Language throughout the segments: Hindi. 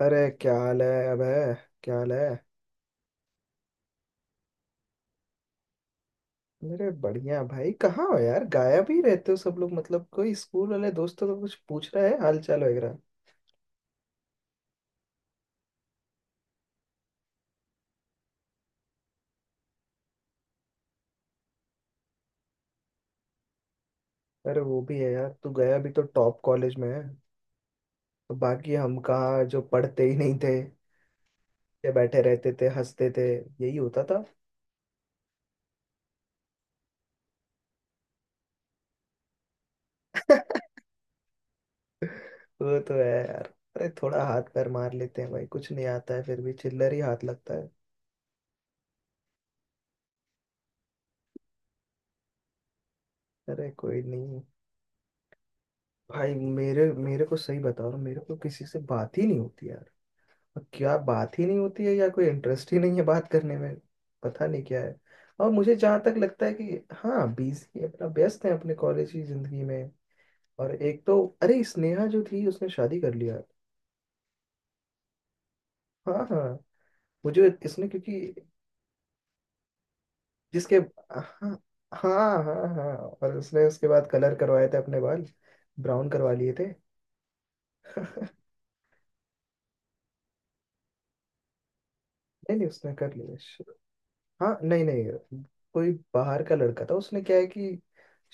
अरे क्या हाल है अबे क्या हाल है। मेरे बढ़िया भाई कहाँ हो यार। गायब ही रहते हो सब लोग। मतलब कोई स्कूल वाले दोस्तों को कुछ पूछ रहा है हाल चाल वगैरह। अरे वो भी है यार तू गया भी तो टॉप कॉलेज में है। तो बाकी हम कहाँ जो पढ़ते ही नहीं थे। ये बैठे रहते थे हंसते थे। यही होता था। वो तो है यार। अरे थोड़ा हाथ पैर मार लेते हैं भाई। कुछ नहीं आता है फिर भी चिल्लर ही हाथ लगता है। अरे कोई नहीं। भाई मेरे मेरे को सही बता रहा हूँ। मेरे को किसी से बात ही नहीं होती यार। क्या बात ही नहीं होती है या कोई इंटरेस्ट ही नहीं है बात करने में। पता नहीं क्या है। और मुझे जहाँ तक लगता है कि हाँ बिजी है अपना, व्यस्त है अपने कॉलेज की जिंदगी में। और एक तो अरे, स्नेहा जो थी उसने शादी कर लिया। हाँ हाँ। मुझे इसने क्योंकि जिसके हाँ, हाँ हाँ हाँ, और उसने उसके बाद कलर करवाए थे अपने बाल। ब्राउन करवा लिए थे नहीं। नहीं उसने कर लिए। हाँ नहीं नहीं, कोई बाहर का लड़का था। उसने क्या है कि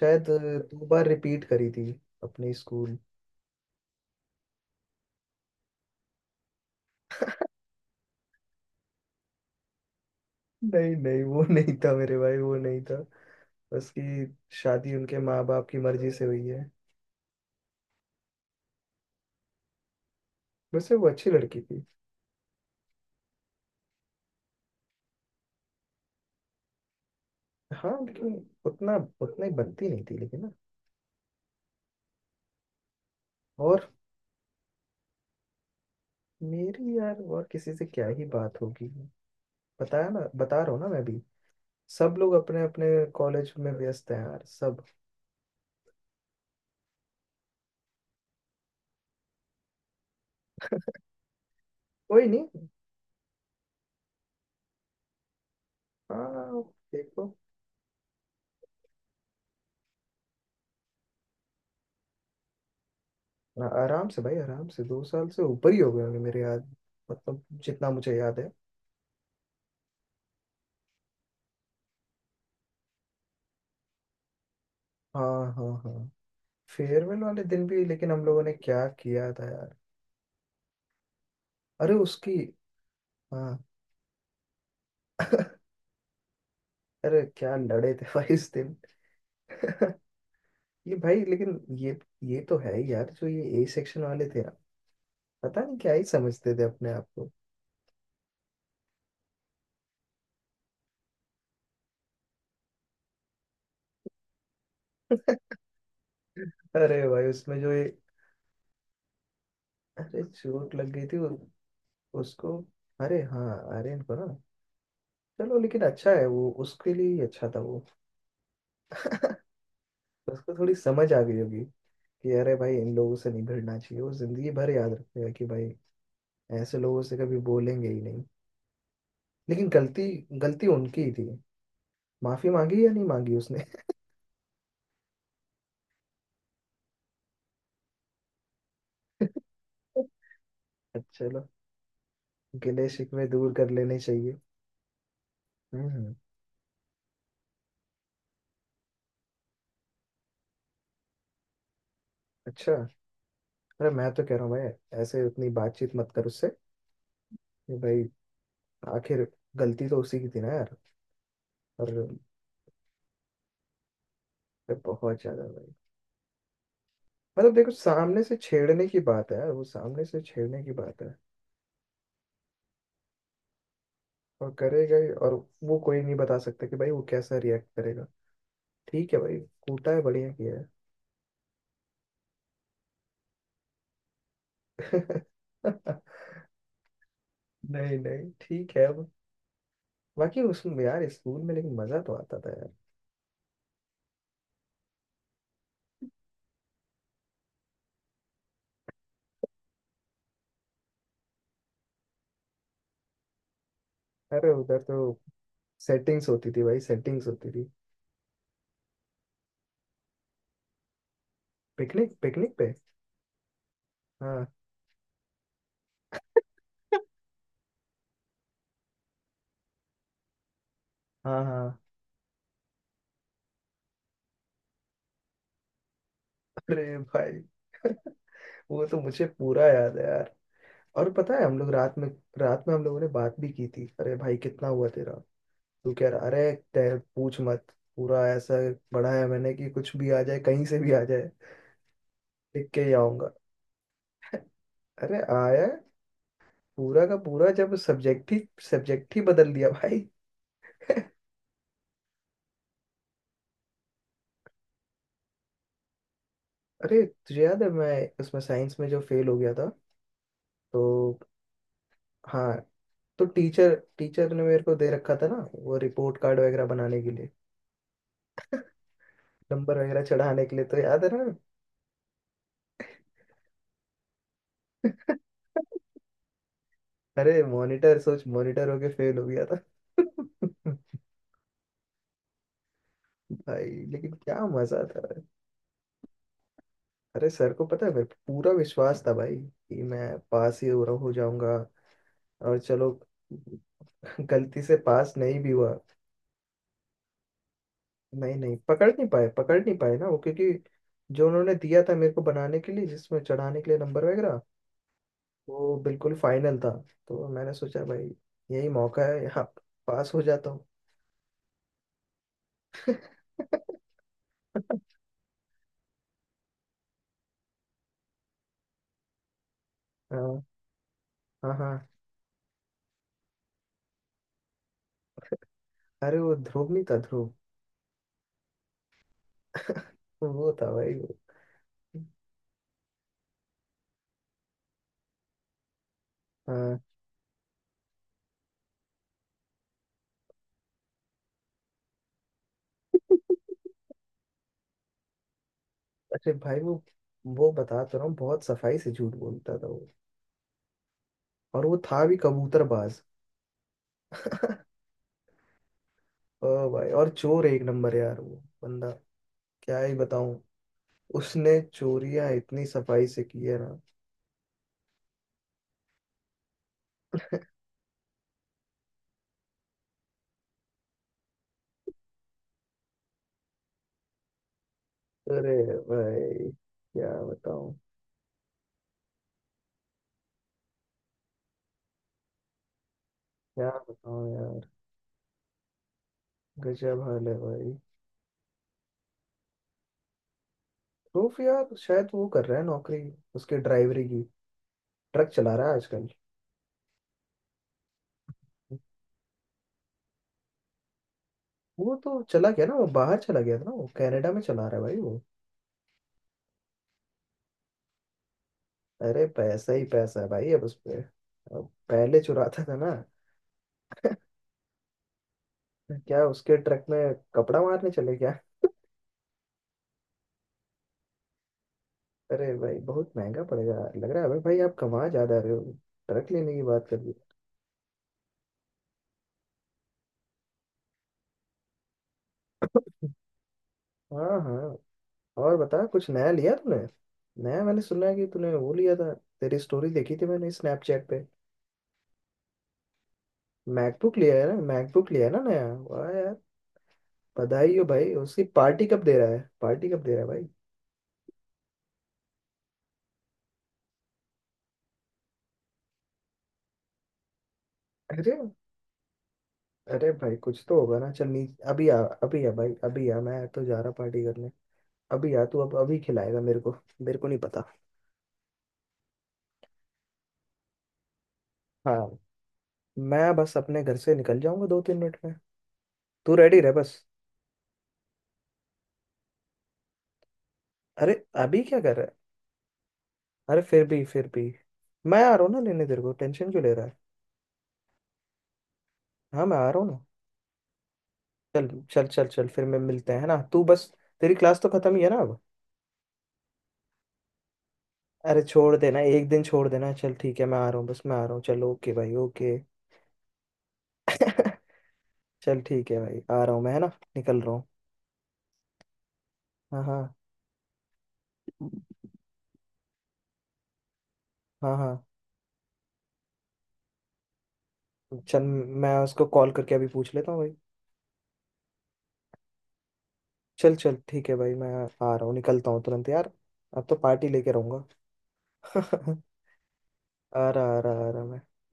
शायद दो बार रिपीट करी थी अपने स्कूल। नहीं नहीं वो नहीं था मेरे भाई, वो नहीं था। उसकी शादी उनके माँ बाप की मर्जी से हुई है। वैसे वो अच्छी लड़की थी। हाँ लेकिन उतना उतना ही बनती नहीं थी लेकिन ना। और मेरी यार और किसी से क्या ही बात होगी। बताया ना, बता रहा हूँ ना मैं भी। सब लोग अपने अपने कॉलेज में व्यस्त हैं यार सब। कोई नहीं। हाँ देखो, आराम से भाई आराम से। 2 साल से ऊपर ही हो गए होंगे मेरे याद। मतलब जितना मुझे याद है। हाँ हाँ हाँ। फेयरवेल वाले दिन भी लेकिन हम लोगों ने क्या किया था यार। अरे उसकी हाँ। अरे क्या लड़े थे भाई इस दिन। ये भाई लेकिन ये तो है ही यार। जो ये ए सेक्शन वाले थे ना, पता नहीं क्या ही समझते थे अपने आप को। अरे भाई उसमें जो ये, अरे चोट लग गई थी उसको। अरे हाँ, आर्यन को ना। चलो लेकिन अच्छा है, वो उसके लिए ही अच्छा था वो। तो उसको थोड़ी समझ आ गई होगी कि अरे भाई इन लोगों से नहीं भिड़ना चाहिए। वो जिंदगी भर याद रखेगा कि भाई ऐसे लोगों से कभी बोलेंगे ही नहीं। लेकिन गलती गलती उनकी ही थी। माफी मांगी या नहीं मांगी उसने। चलो, गिले शिकवे दूर कर लेने चाहिए। हम्म। अच्छा। अरे मैं तो कह रहा हूँ भाई, ऐसे उतनी बातचीत मत कर उससे। कि भाई आखिर गलती तो उसी की थी ना यार। और बहुत ज्यादा भाई। मतलब देखो, सामने से छेड़ने की बात है यार। वो सामने से छेड़ने की बात है। और करेगा ही। और वो कोई नहीं बता सकता कि भाई वो कैसा रिएक्ट करेगा। ठीक है भाई। कूटा है, बढ़िया किया है। नहीं नहीं ठीक है अब। बाकी उसमें यार, स्कूल में लेकिन मजा तो आता था यार। अरे उधर तो सेटिंग्स होती थी भाई, सेटिंग्स होती थी। पिकनिक पिकनिक पे। हाँ हाँ हाँ। अरे भाई वो तो मुझे पूरा याद है यार। और पता है हम लोग रात में हम लोगों ने बात भी की थी। अरे भाई कितना हुआ तेरा। तू कह रहा अरे, पूछ मत। पूरा ऐसा पढ़ा है मैंने कि कुछ भी आ जाए, कहीं से भी आ जाए लिख के ही आऊंगा। अरे आया, पूरा का पूरा जब सब्जेक्ट ही बदल दिया भाई। अरे तुझे याद है मैं उसमें साइंस में जो फेल हो गया था तो। हाँ। तो टीचर टीचर ने मेरे को दे रखा था ना वो रिपोर्ट कार्ड वगैरह बनाने के लिए। नंबर वगैरह चढ़ाने के लिए, तो याद है ना। अरे मॉनिटर सोच, मॉनिटर होके फेल हो गया था। भाई लेकिन क्या मजा था। अरे सर को पता है भाई, पूरा विश्वास था भाई कि मैं पास ही हो, रहा हो जाऊंगा। और चलो गलती से पास नहीं भी हुआ। नहीं नहीं, पकड़ नहीं पाए, पकड़ नहीं पाए ना वो, क्योंकि जो उन्होंने दिया था मेरे को बनाने के लिए जिसमें चढ़ाने के लिए नंबर वगैरह, वो बिल्कुल फाइनल था। तो मैंने सोचा भाई यही मौका है, यहाँ पास हो जाता हूँ। हाँ हाँ हाँ। अरे वो ध्रुव नहीं था, ध्रुव। वो था भाई वो। हाँ। अरे भाई वो बता तो रहा हूँ बहुत सफाई से झूठ बोलता था वो। और वो था भी कबूतरबाज। ओ भाई, और चोर एक नंबर यार वो बंदा। क्या ही बताऊं। उसने चोरियां इतनी सफाई से की है ना। अरे भाई क्या बताऊं, क्या बताऊं यार। गजब हाल है भाई। प्रूफ यार शायद वो कर रहा है नौकरी उसके, ड्राइवरी की। ट्रक चला रहा है आजकल। वो तो चला गया ना, वो बाहर चला गया था ना। वो कनाडा में चला रहा है भाई वो। अरे पैसा ही पैसा है भाई अब उस पे। अब पहले चुराता था ना। क्या उसके ट्रक में कपड़ा मारने चले क्या। अरे भाई बहुत महंगा पड़ेगा, लग रहा है भाई भाई आप कमा ज्यादा रहे हो। ट्रक लेने की बात कर दी। हाँ हाँ। और बता कुछ नया लिया तूने। नया मैंने सुना है कि तूने वो लिया था। तेरी स्टोरी देखी थी मैंने स्नैपचैट पे। मैकबुक लिया है ना, मैकबुक लिया है ना नया। वाह यार, बधाई हो भाई। उसकी पार्टी कब दे रहा है, पार्टी कब दे रहा है भाई। अरे। अरे भाई कुछ तो होगा ना, चल नीचे अभी आ। अभी आ भाई अभी आ। मैं तो जा रहा पार्टी करने। अभी आ तू, अब अभी खिलाएगा मेरे को। मेरे को नहीं पता। हाँ मैं बस अपने घर से निकल जाऊंगा 2-3 मिनट में। तू रेडी रह बस। अरे अभी क्या कर रहा है। अरे फिर भी मैं आ रहा हूँ ना लेने तेरे को, टेंशन क्यों ले रहा है। हाँ मैं आ रहा हूँ ना। चल चल चल चल फिर मैं, मिलते हैं है ना, तू बस। तेरी क्लास तो खत्म ही है ना अब। अरे छोड़ देना, एक दिन छोड़ देना। चल ठीक है मैं आ रहा हूँ, बस मैं आ रहा हूँ। चल ओके भाई ओके। चल ठीक है भाई आ रहा हूँ मैं, है ना। निकल रहा हूँ। हाँ हाँ हाँ हाँ। चल मैं उसको कॉल करके अभी पूछ लेता हूँ भाई। चल चल ठीक है भाई, मैं आ रहा हूँ, निकलता हूँ तुरंत यार। अब तो पार्टी लेके रहूंगा। आ रहा आ रहा आ रहा मैं।